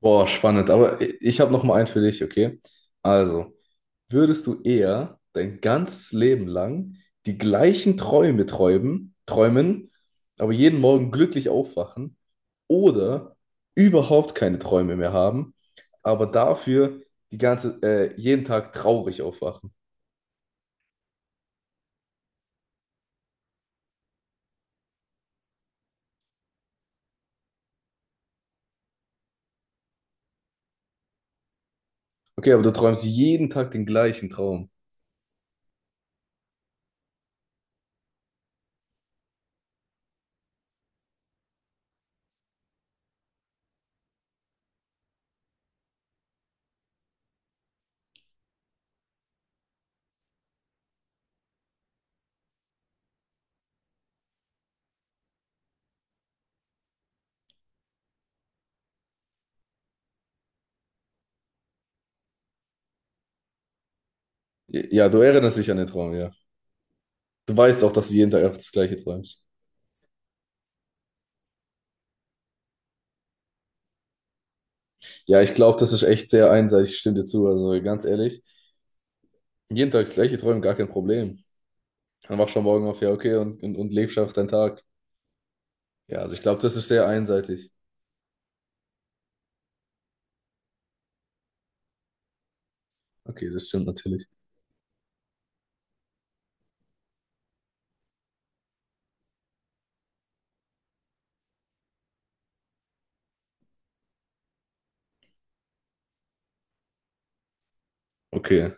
Boah, spannend. Aber ich habe noch mal einen für dich, okay? Also, würdest du eher dein ganzes Leben lang die gleichen Träume träumen, träumen, aber jeden Morgen glücklich aufwachen oder überhaupt keine Träume mehr haben, aber dafür die ganze, jeden Tag traurig aufwachen? Okay, aber du träumst jeden Tag den gleichen Traum. Ja, du erinnerst dich an den Traum, ja. Du weißt auch, dass du jeden Tag einfach das Gleiche träumst. Ja, ich glaube, das ist echt sehr einseitig. Ich stimme dir zu. Also ganz ehrlich, jeden Tag das gleiche träumen, gar kein Problem. Dann wachst du am Morgen auf, ja, okay, und lebst einfach deinen Tag. Ja, also ich glaube, das ist sehr einseitig. Okay, das stimmt natürlich. Okay.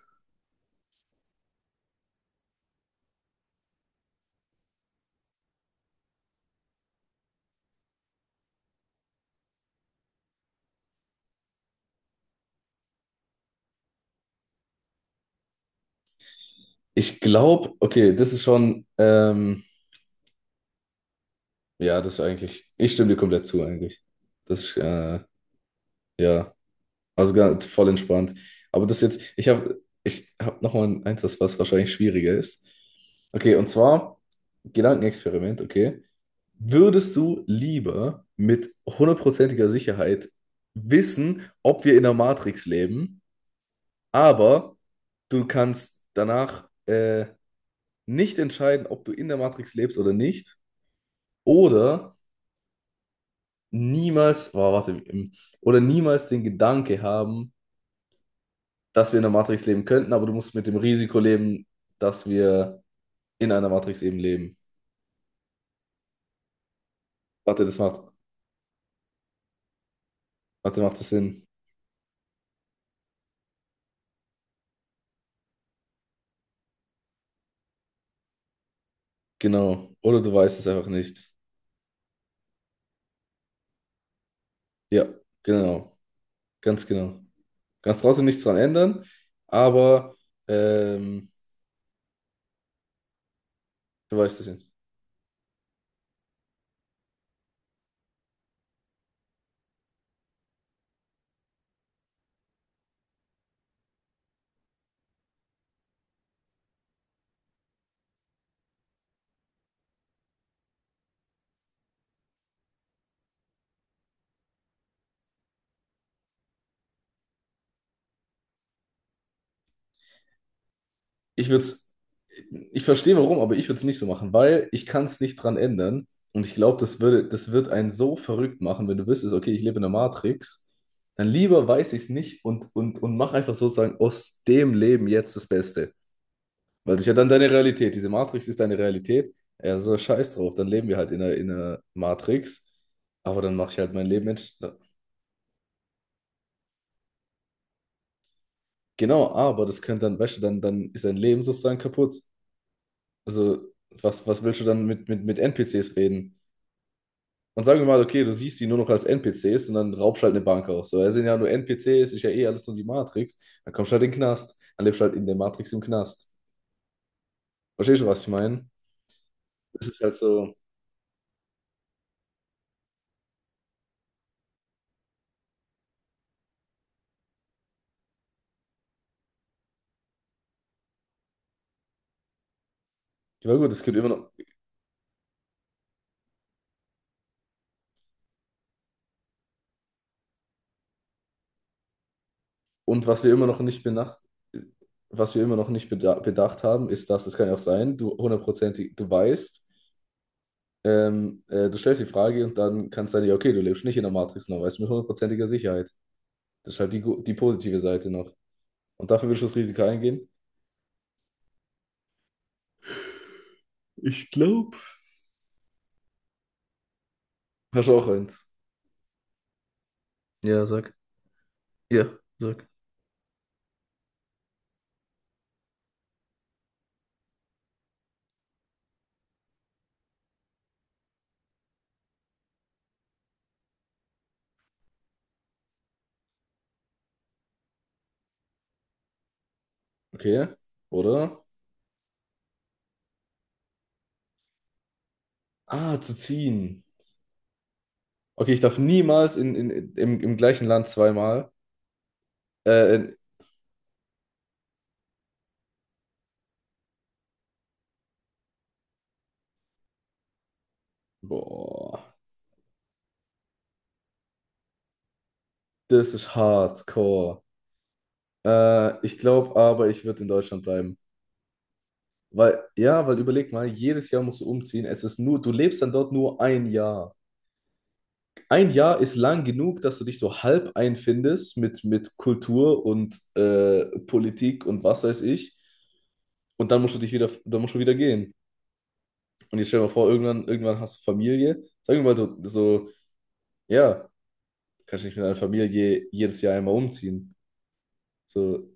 Ich glaube, okay, das ist schon, ja, das ist eigentlich, ich stimme dir komplett zu eigentlich. Das ist, ja, also ganz voll entspannt. Aber das jetzt, ich habe nochmal eins, das was wahrscheinlich schwieriger ist. Okay, und zwar Gedankenexperiment, okay. Würdest du lieber mit hundertprozentiger Sicherheit wissen, ob wir in der Matrix leben, aber du kannst danach nicht entscheiden, ob du in der Matrix lebst oder nicht, oder niemals, oh, warte, oder niemals den Gedanke haben, dass wir in der Matrix leben könnten, aber du musst mit dem Risiko leben, dass wir in einer Matrix eben leben. Warte, das macht, warte, macht das Sinn? Genau. Oder du weißt es einfach nicht. Ja, genau. Ganz genau. Kannst trotzdem nichts dran ändern, aber ähm, du weißt es nicht. Ich würde es, ich verstehe warum, aber ich würde es nicht so machen, weil ich kann es nicht dran ändern. Und ich glaube, das wird einen so verrückt machen, wenn du wüsstest, okay, ich lebe in der Matrix, dann lieber weiß ich es nicht und mach einfach sozusagen aus dem Leben jetzt das Beste. Weil das ist ja dann deine Realität. Diese Matrix ist deine Realität. Ja, so scheiß drauf, dann leben wir halt in einer Matrix. Aber dann mache ich halt mein Leben ents- Genau, aber das könnte dann, weißt du, dann ist dein Leben sozusagen kaputt. Also, was willst du dann mit NPCs reden? Und sagen wir mal, okay, du siehst die nur noch als NPCs und dann raubst halt eine Bank aus. So, das sind ja nur NPCs, ist ja eh alles nur die Matrix. Dann kommst du halt in den Knast. Dann lebst du halt in der Matrix im Knast. Verstehst du, was ich meine? Das ist halt so. Ja, gut, es gibt immer noch. Und was wir immer noch nicht bedacht haben, ist, dass es kann ja auch sein, du hundertprozentig, du weißt, du stellst die Frage und dann kannst du sagen, ja, okay, du lebst nicht in der Matrix noch, weißt du, mit hundertprozentiger Sicherheit. Das ist halt die, die positive Seite noch. Und dafür willst du das Risiko eingehen? Ich glaube. Hast du auch eins? Ja, sag. Ja, sag. Okay, oder? Ah, zu ziehen. Okay, ich darf niemals im gleichen Land zweimal. Äh, in, boah, das ist hardcore. Ich glaube aber, ich würde in Deutschland bleiben. Weil, ja, weil überleg mal, jedes Jahr musst du umziehen. Es ist nur, du lebst dann dort nur ein Jahr. Ein Jahr ist lang genug, dass du dich so halb einfindest mit Kultur und Politik und was weiß ich. Und dann musst du dich wieder, dann musst du wieder gehen. Und jetzt stell dir mal vor, irgendwann, irgendwann hast du Familie. Sag mir mal, du so, ja, kannst du nicht mit deiner Familie jedes Jahr einmal umziehen. So,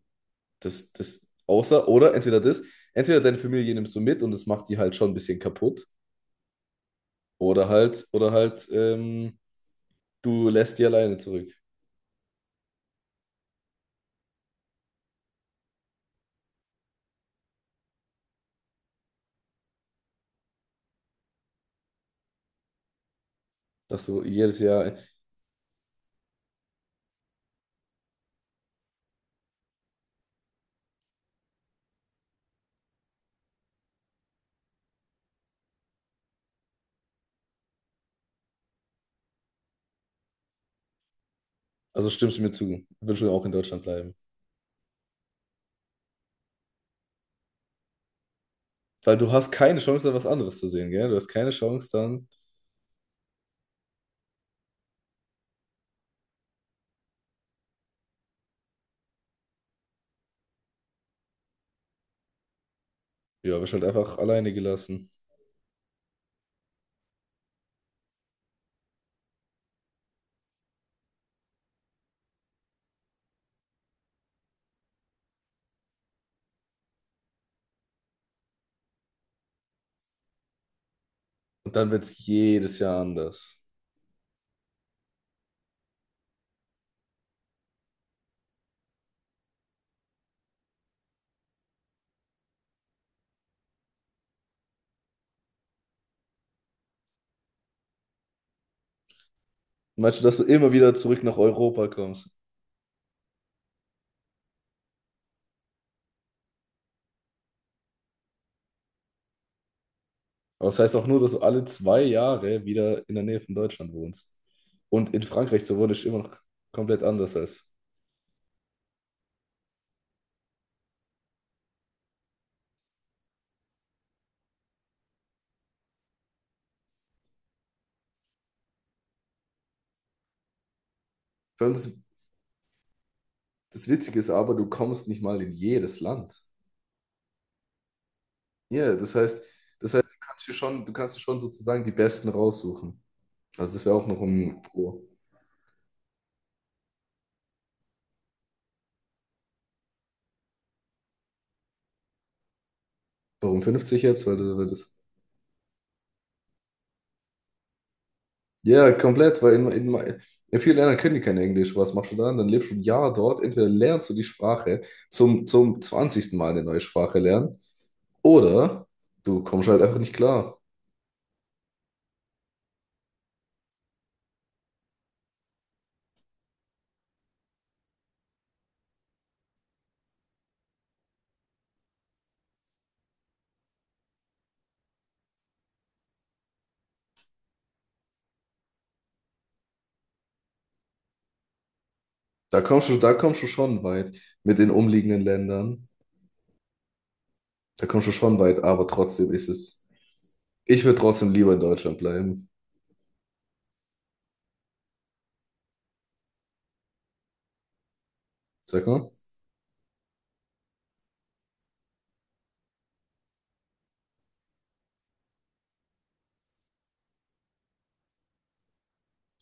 außer, oder entweder das, entweder deine Familie nimmst du mit und das macht die halt schon ein bisschen kaputt. Oder halt, du lässt die alleine zurück. Dass du jedes Jahr, also stimmst du mir zu, willst du auch in Deutschland bleiben. Weil du hast keine Chance, da was anderes zu sehen, gell? Du hast keine Chance, dann, ja, wirst halt einfach alleine gelassen. Und dann wird es jedes Jahr anders. Meinst du, dass du immer wieder zurück nach Europa kommst? Aber das heißt auch nur, dass du alle zwei Jahre wieder in der Nähe von Deutschland wohnst. Und in Frankreich, so wohne ich immer noch komplett anders als. Vor allem das, das Witzige ist aber, du kommst nicht mal in jedes Land. Ja, das heißt, du kannst dir schon sozusagen die Besten raussuchen. Also das wäre auch noch ein Pro. Warum 50 jetzt? Weil, du- weil das. Ja, komplett, weil in vielen Ländern können die kein Englisch. Was machst du dann? Dann lebst du ein Jahr dort. Entweder lernst du die Sprache zum 20. Mal eine neue Sprache lernen, oder du kommst halt einfach nicht klar. Da kommst du schon weit mit den umliegenden Ländern. Da kommst du schon weit, aber trotzdem ist es. Ich würde trotzdem lieber in Deutschland bleiben. Sag mal.